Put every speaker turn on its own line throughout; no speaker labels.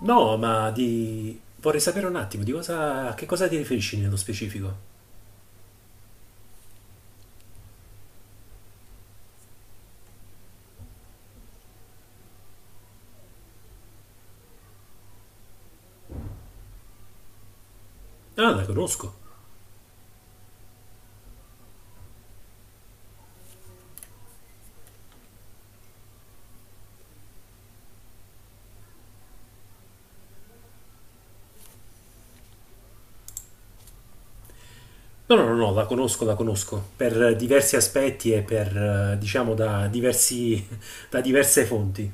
No, ma di... vorrei sapere un attimo di cosa... a che cosa ti riferisci nello specifico? Ah, la conosco. No, no, no, no, la conosco, la conosco. Per diversi aspetti e per, diciamo, da diversi... da diverse fonti.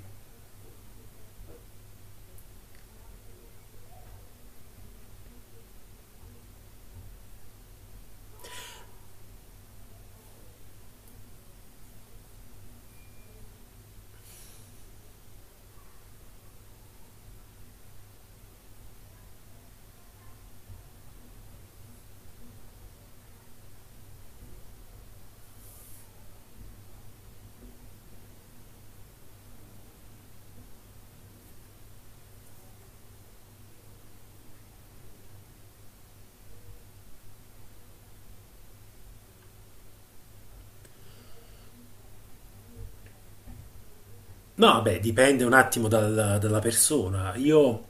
No, beh, dipende un attimo dalla persona. Io,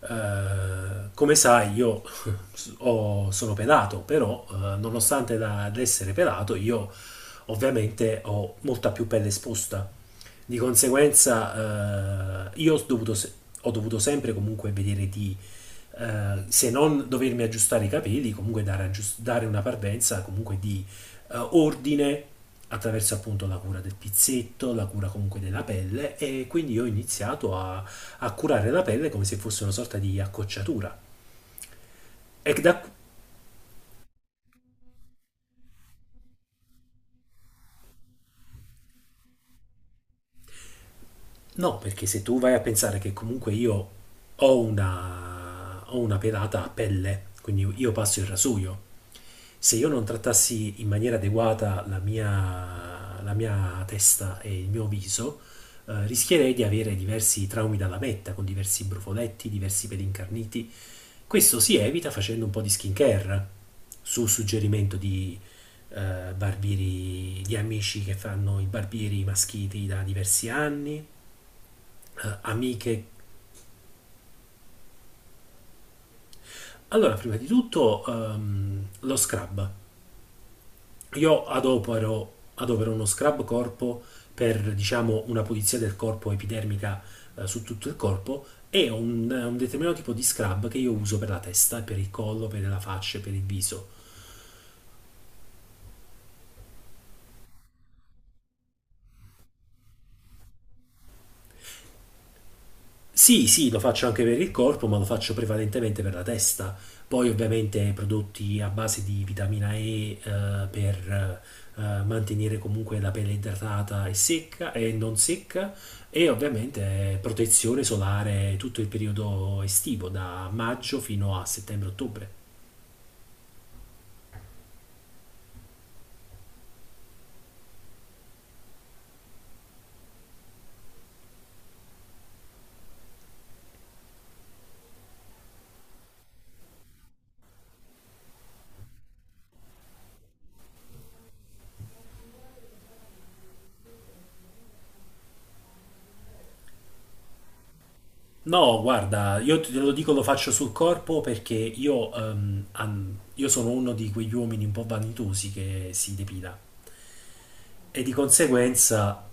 come sai, io sono pelato, però, nonostante da, ad essere pelato, io ovviamente ho molta più pelle esposta. Di conseguenza, io ho dovuto, ho dovuto sempre comunque vedere di, se non dovermi aggiustare i capelli, comunque dare, dare una parvenza comunque di ordine attraverso appunto la cura del pizzetto, la cura comunque della pelle e quindi io ho iniziato a curare la pelle come se fosse una sorta di accocciatura. E da, no, perché se tu vai a pensare che comunque io ho una pelata a pelle, quindi io passo il rasoio, se io non trattassi in maniera adeguata la mia testa e il mio viso, rischierei di avere diversi traumi dalla metta, con diversi brufoletti, diversi peli incarniti. Questo si evita facendo un po' di skincare, su suggerimento di barbieri, di amici che fanno i barbieri maschiti da diversi anni, amiche. Allora, prima di tutto, lo scrub. Io adopero uno scrub corpo per, diciamo, una pulizia del corpo epidermica su tutto il corpo e un determinato tipo di scrub che io uso per la testa, per il collo, per la faccia, per il viso. Sì, sì, lo faccio anche per il corpo, ma lo faccio prevalentemente per la testa. Poi ovviamente prodotti a base di vitamina E, per mantenere comunque la pelle idratata e secca e non secca e ovviamente protezione solare tutto il periodo estivo, da maggio fino a settembre-ottobre. No, guarda, io te lo dico, lo faccio sul corpo perché io, io sono uno di quegli uomini un po' vanitosi che si depila e di conseguenza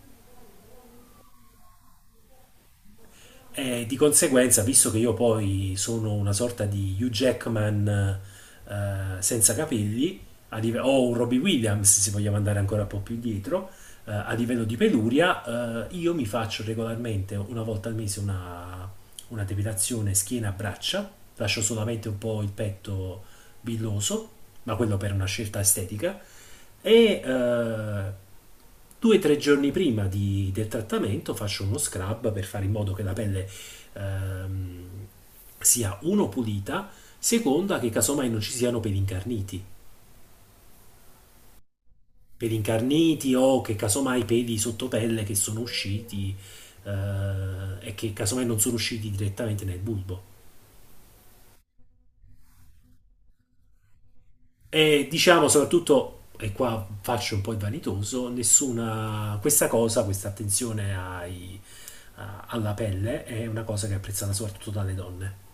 Visto che io poi sono una sorta di Hugh Jackman senza capelli, a o un Robbie Williams, se vogliamo andare ancora un po' più dietro, a livello di peluria, io mi faccio regolarmente una volta al mese una depilazione schiena-braccia, lascio solamente un po' il petto billoso, ma quello per una scelta estetica, e eh, Due o tre giorni prima del trattamento faccio uno scrub per fare in modo che la pelle ehm, sia uno pulita, seconda che casomai non ci siano peli incarniti. Peli incarniti o che casomai peli sotto pelle che sono usciti e che casomai non sono usciti direttamente nel bulbo. E diciamo soprattutto, e qua faccio un po' il vanitoso, nessuna, questa cosa, questa attenzione alla pelle è una cosa che è apprezzata soprattutto dalle donne.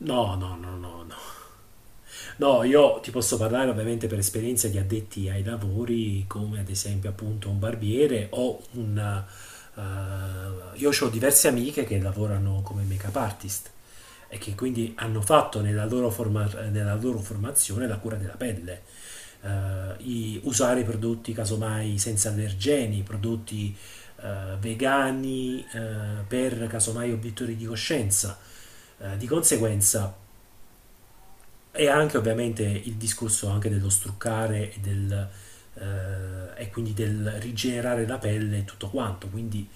No, no, no, no, no. No, io ti posso parlare ovviamente per esperienza di addetti ai lavori, come ad esempio appunto un barbiere o un... io ho diverse amiche che lavorano come make-up artist e che quindi hanno fatto nella loro formazione la cura della pelle. Usare prodotti casomai senza allergeni, prodotti vegani per casomai obiettori di coscienza. Di conseguenza, e anche ovviamente il discorso anche dello struccare e del, eh, e quindi del rigenerare la pelle e tutto quanto. Quindi,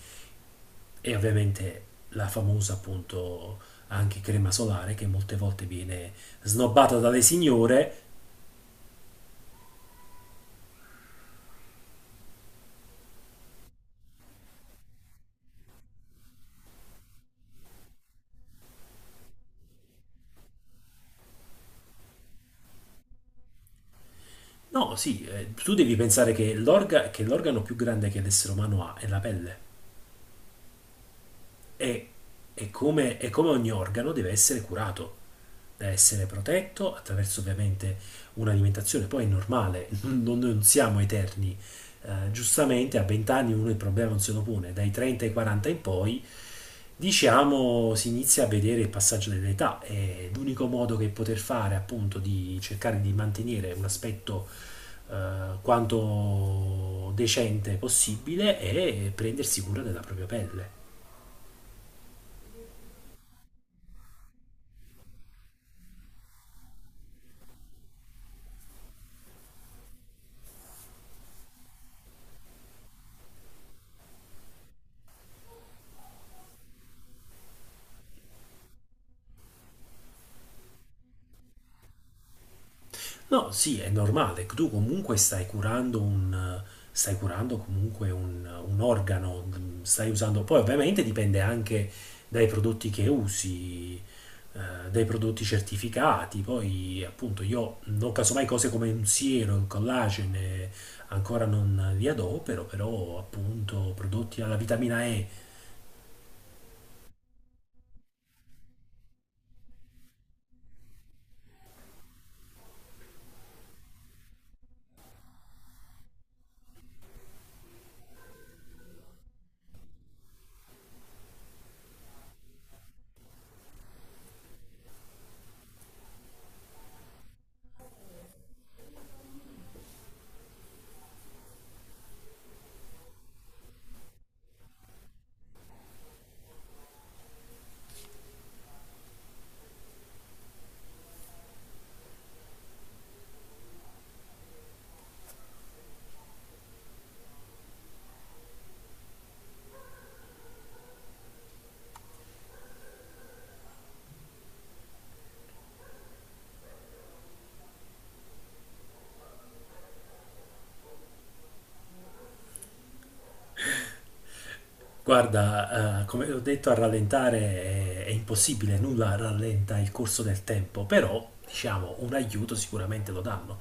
e ovviamente la famosa appunto anche crema solare che molte volte viene snobbata dalle signore. No, sì, tu devi pensare che che l'organo più grande che l'essere umano ha è la pelle. e, e come ogni organo deve essere curato, deve essere protetto attraverso ovviamente un'alimentazione. Poi è normale, non, non siamo eterni. Giustamente a 20 anni uno il problema non se lo pone, dai 30 ai 40 in poi diciamo si inizia a vedere il passaggio dell'età e l'unico modo che poter fare appunto di cercare di mantenere un aspetto quanto decente possibile è prendersi cura della propria pelle. No, sì, è normale, tu comunque stai curando un, stai curando comunque un organo, stai usando, poi ovviamente dipende anche dai prodotti che usi, dai prodotti certificati, poi appunto io non casomai cose come un siero, il collagene, ancora non li adopero, però appunto prodotti alla vitamina E. Guarda, come ho detto, a rallentare è impossibile, nulla rallenta il corso del tempo, però, diciamo, un aiuto sicuramente lo danno.